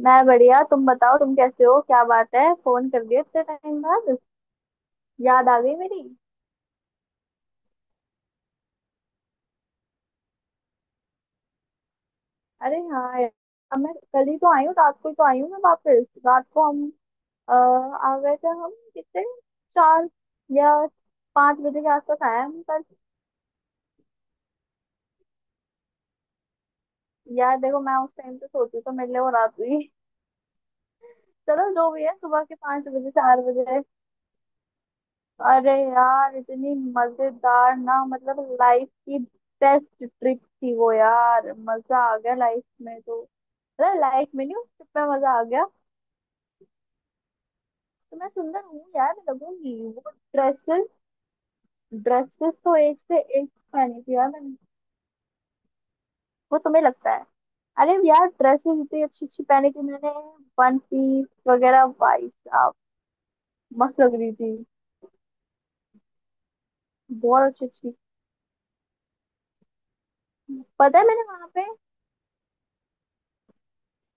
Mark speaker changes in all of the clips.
Speaker 1: मैं बढ़िया। तुम बताओ, तुम कैसे हो? क्या बात है, फोन कर दिया इतने टाइम बाद। याद आ गई मेरी। अरे हाँ यार। अब मैं कल ही तो आई हूँ, रात को ही तो आई हूँ मैं वापस। रात को हम आ गए थे। हम कितने 4 या 5 बजे के आसपास आए हम। पर यार देखो, मैं उस टाइम पे सोती तो मेरे लिए वो रात हुई। चलो जो भी है, सुबह के 5 बजे 4 बजे। अरे यार, इतनी मजेदार ना, मतलब लाइफ की बेस्ट ट्रिप थी वो यार। मजा आ गया लाइफ में तो। अरे लाइफ में नहीं, उस ट्रिप में मजा आ गया। तो मैं सुंदर हूँ यार, मैं लगूंगी वो ड्रेसेस। ड्रेसेस तो एक से एक पहनी थी यार मैंने। वो तुम्हें लगता है। अरे यार, ड्रेसेस इतनी अच्छी अच्छी पहनी थी मैंने। वन पीस वगैरह भाई साहब, मस्त लग रही थी। बहुत अच्छी अच्छी। पता है, मैंने वहां पे,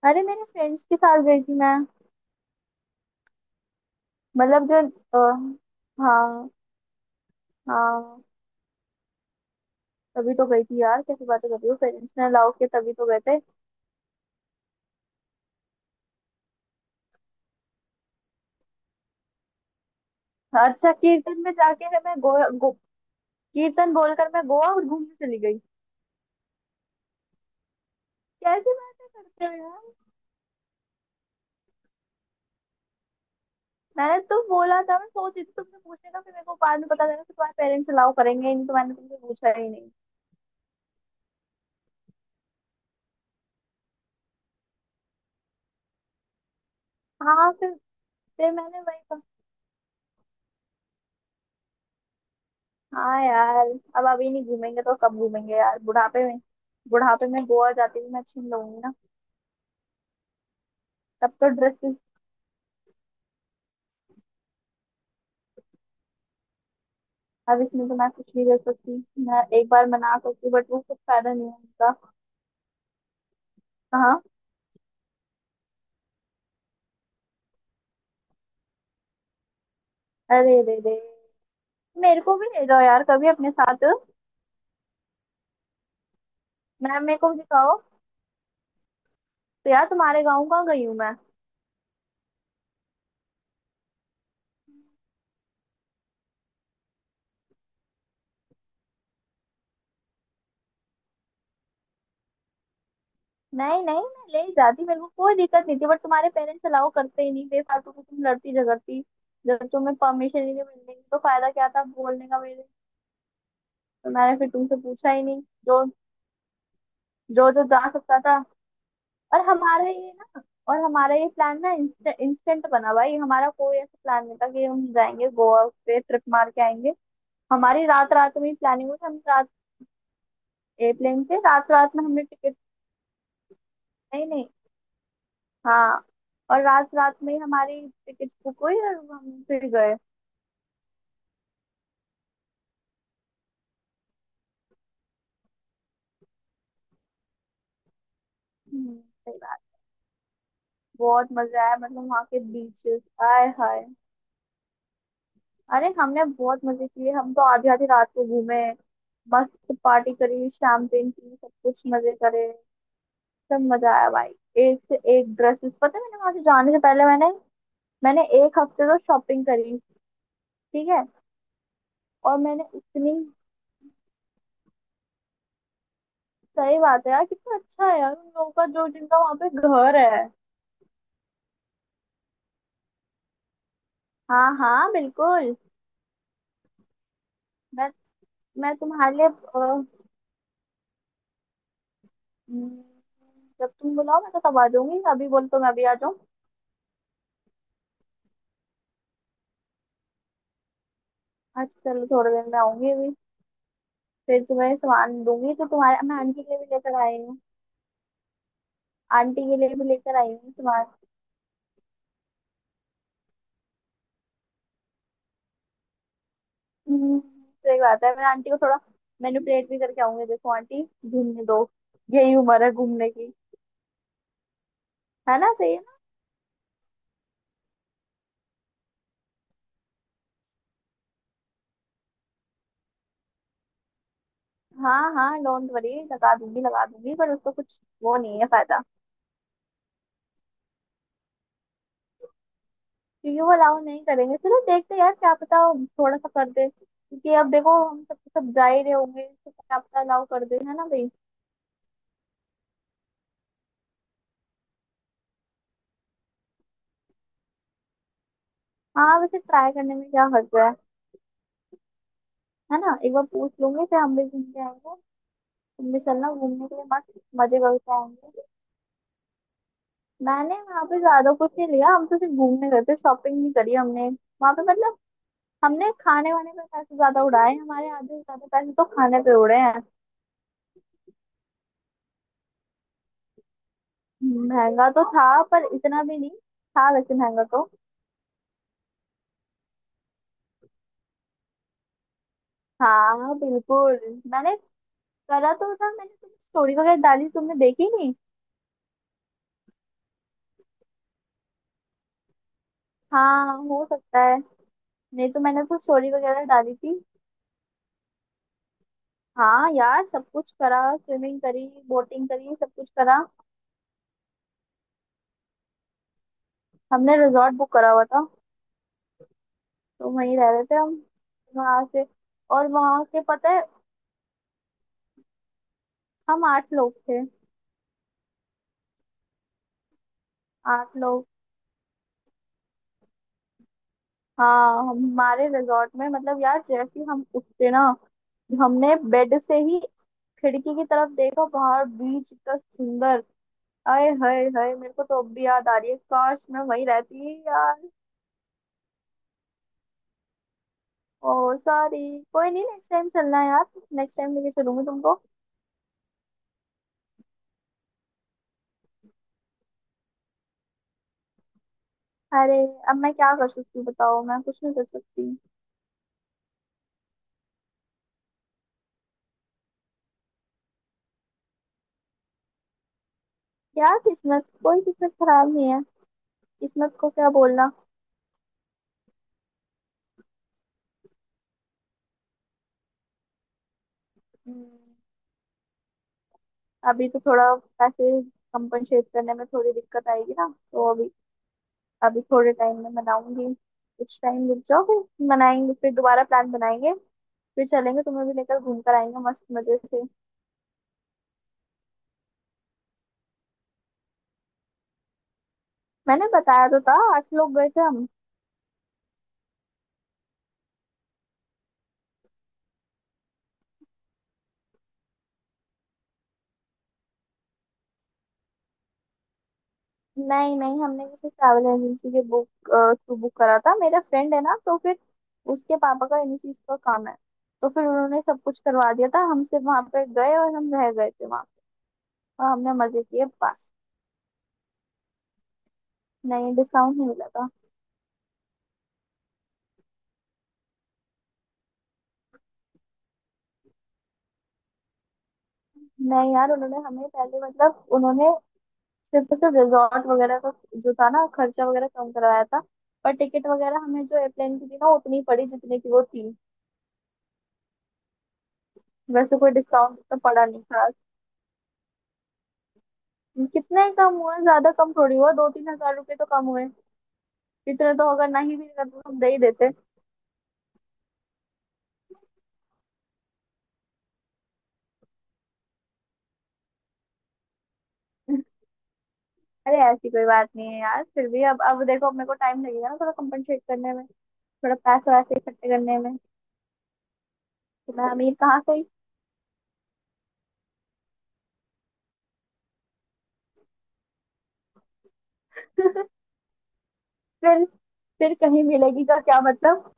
Speaker 1: अरे मेरे फ्रेंड्स के साथ गई थी मैं। मतलब जो हाँ। हाँ, तभी तो गई थी यार। कैसी बातें कर रही हो, पेरेंट्स ने अलाउ किया तभी तो गए थे। अच्छा कीर्तन में जाके है, मैं गोवा कीर्तन बोलकर मैं गोवा और घूमने चली गई। कैसी बातें करते हो यार। मैंने तो बोला था, मैं सोच रही थी तुमसे पूछने का, फिर मेरे को बाद में पता चला कि तुम्हारे पेरेंट्स अलाउ करेंगे ही नहीं, तो मैंने तुमसे पूछा ही नहीं। हाँ फिर। फिर मैंने वही कहा। हाँ यार, अब अभी नहीं घूमेंगे तो कब घूमेंगे यार, बुढ़ापे में? बुढ़ापे में गोवा जाती हुई मैं छीन लूंगी ना। तब तो ड्रेस, अब इसमें तो मैं कुछ नहीं कर सकती। मैं एक बार मना सकती बट वो कुछ फायदा नहीं होता। हाँ। अरे रे रे। मेरे को भी ले जाओ यार कभी अपने साथ। मैम मेरे को भी दिखाओ, तो यार तुम्हारे गाँव कहाँ गई हूँ मैं? नहीं नहीं, मैं ले ही जाती, मेरे को कोई दिक्कत नहीं थी, बट तुम्हारे पेरेंट्स अलाउ करते ही नहीं, बेफालतू की तुम लड़ती झगड़ती। जब तुम्हें परमिशन ही नहीं मिलने की तो फायदा क्या था बोलने का मेरे। तो मैंने फिर तुमसे पूछा ही नहीं। जो जो जो जा सकता था। और हमारा ये ना। और हमारा ये प्लान ना, इंस्टेंट बना भाई। हमारा कोई ऐसा प्लान नहीं था कि हम जाएंगे गोवा पे ट्रिप मार के आएंगे। हमारी रात रात में ही प्लानिंग हुई। हम रात एयरप्लेन से रात रात में हमने टिकट, नहीं नहीं। हाँ, और रात रात में ही हमारी टिकट बुक हुई और हम फिर गए। सही बात। बहुत मजा आया, मतलब वहाँ के बीचेस, आय हाय। अरे हमने बहुत मजे किए, हम तो आधी आधी रात को घूमे। मस्त पार्टी करी, शैम्पेन पी, सब कुछ मजे करे। सब मजा आया भाई। एक से एक ड्रेसेस, पता है मैंने वहां से जाने से पहले मैंने, मैंने एक हफ्ते तो शॉपिंग करी। ठीक है। और मैंने इतनी, सही बात है यार, कितना अच्छा है यार उन लोगों का जो जिनका वहां पे घर है। हाँ हाँ बिल्कुल। मैं मैं तुम्हारे लिए हम्म, जब तुम बुलाओ मैं तो तब आ जाऊंगी। अभी बोल तो मैं अभी आ जाऊँ। अच्छा चलो, थोड़ी देर में आऊंगी अभी। फिर तुम्हें सामान दूंगी, तो तुम्हारे, मैं आंटी के लिए भी लेकर आई हूँ। आंटी के लिए भी लेकर आई हूँ सामान। सही बात है। मैं आंटी को थोड़ा मैनिपुलेट भी करके आऊंगी। देखो आंटी, घूमने दो, यही उम्र है घूमने की, है ना, सही है ना। हाँ हाँ, डोंट वरी, लगा दूंगी लगा दूंगी, पर उसको कुछ वो नहीं है फायदा। क्योंकि वो अलाउ नहीं करेंगे। चलो देखते हैं यार, क्या पता थोड़ा सा कर दे, क्योंकि अब देखो, हम सब सब जा ही रहे होंगे, तो क्या पता अलाउ कर दे, है ना भाई? हाँ, वैसे ट्राई करने में क्या हर्ज है ना? एक बार पूछ लूंगी, फिर हम भी घूम के आएंगे। तुम भी चलना घूमने के लिए, मस्त मजे करके आएंगे। मैंने वहां पे ज्यादा कुछ नहीं लिया, हम तो सिर्फ घूमने गए थे, शॉपिंग नहीं करी हमने वहां पे, मतलब। हमने खाने वाने पे पैसे ज्यादा उड़ाए, हमारे आधे से ज्यादा पैसे तो खाने पे उड़े हैं। महंगा तो था, पर इतना भी नहीं था वैसे, महंगा तो। हाँ बिल्कुल, मैंने करा तो था। मैंने तुम्हें स्टोरी वगैरह डाली, तुमने देखी नहीं? हाँ हो सकता है। नहीं, तो मैंने तो स्टोरी वगैरह डाली थी। हाँ यार, सब कुछ करा, स्विमिंग करी बोटिंग करी सब कुछ करा। हमने रिजॉर्ट बुक करा हुआ था, तो वहीं रह रहे थे हम। वहां से, और वहां के पता है, हम 8 लोग थे। 8 लोग। हाँ हमारे रिजॉर्ट में, मतलब यार जैसे ही हम उठते ना, हमने बेड से ही खिड़की की तरफ देखा, बाहर बीच इतना सुंदर। आए हाय हाय, मेरे को तो अब भी याद आ रही है, काश मैं वहीं रहती यार। ओ सॉरी। कोई नहीं, नेक्स्ट टाइम चलना है यार, नेक्स्ट टाइम लेके चलूंगी तुमको। अरे, अब मैं क्या कर सकती हूँ बताओ, मैं कुछ नहीं कर सकती। यार किस्मत, कोई किस्मत खराब नहीं है, किस्मत को क्या बोलना। हम्म, अभी तो थोड़ा पैसे कंपनसेट करने में थोड़ी दिक्कत आएगी ना, तो अभी, अभी थोड़े टाइम में मनाऊंगी। कुछ टाइम रुक जाओ, फिर मनाएंगे, फिर दोबारा प्लान बनाएंगे, फिर चलेंगे, तुम्हें भी लेकर घूम कर आएंगे मस्त मजे से। मैंने बताया तो था, 8 लोग गए थे हम। नहीं नहीं, हमने किसी ट्रैवल एजेंसी के बुक थ्रू बुक करा था। मेरा फ्रेंड है ना, तो फिर उसके पापा का इन्हीं चीज का काम है, तो फिर उन्होंने सब कुछ करवा दिया था, हम सिर्फ वहां पर गए और हम रह गए थे वहाँ, और हमने मजे किए बस। नहीं, डिस्काउंट नहीं मिला था। नहीं यार, उन्होंने हमें पहले, मतलब उन्होंने सिर्फ और सिर्फ रिजॉर्ट वगैरह का जो था ना खर्चा वगैरह कम करवाया था, पर टिकट वगैरह हमें जो एयरप्लेन की थी ना उतनी पड़ी जितने की वो थी। वैसे कोई डिस्काउंट तो पड़ा नहीं खास। कितने कम हुआ, ज्यादा कम थोड़ी हुआ, 2-3 हजार रुपए तो कम हुए। इतने तो अगर नहीं भी करते तो हम दे ही देते। अरे ऐसी कोई बात नहीं है यार, फिर भी अब देखो अपने को टाइम लगेगा ना थोड़ा कंपनसेट करने में, थोड़ा पैसे वैसे इकट्ठे करने में। तो मैं अमीर कहाँ से हुई? फिर फिर कहीं मिलेगी का क्या मतलब?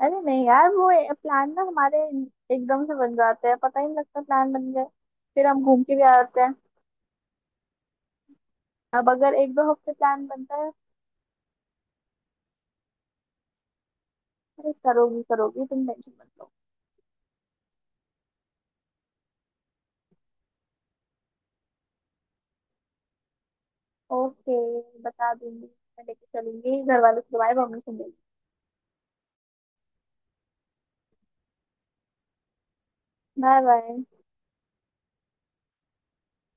Speaker 1: अरे नहीं यार, वो प्लान ना हमारे एकदम से बन जाते हैं, पता ही नहीं लगता, प्लान बन गए फिर हम घूम के भी आ जाते हैं। अब अगर एक दो हफ्ते प्लान बनता है, अरे करोगी करोगी, तुम टेंशन मत लो। ओके, बता दूंगी मैं, लेके चलूंगी, घर वालों से तुम्हारी परमिशन लेंगी। Bye bye.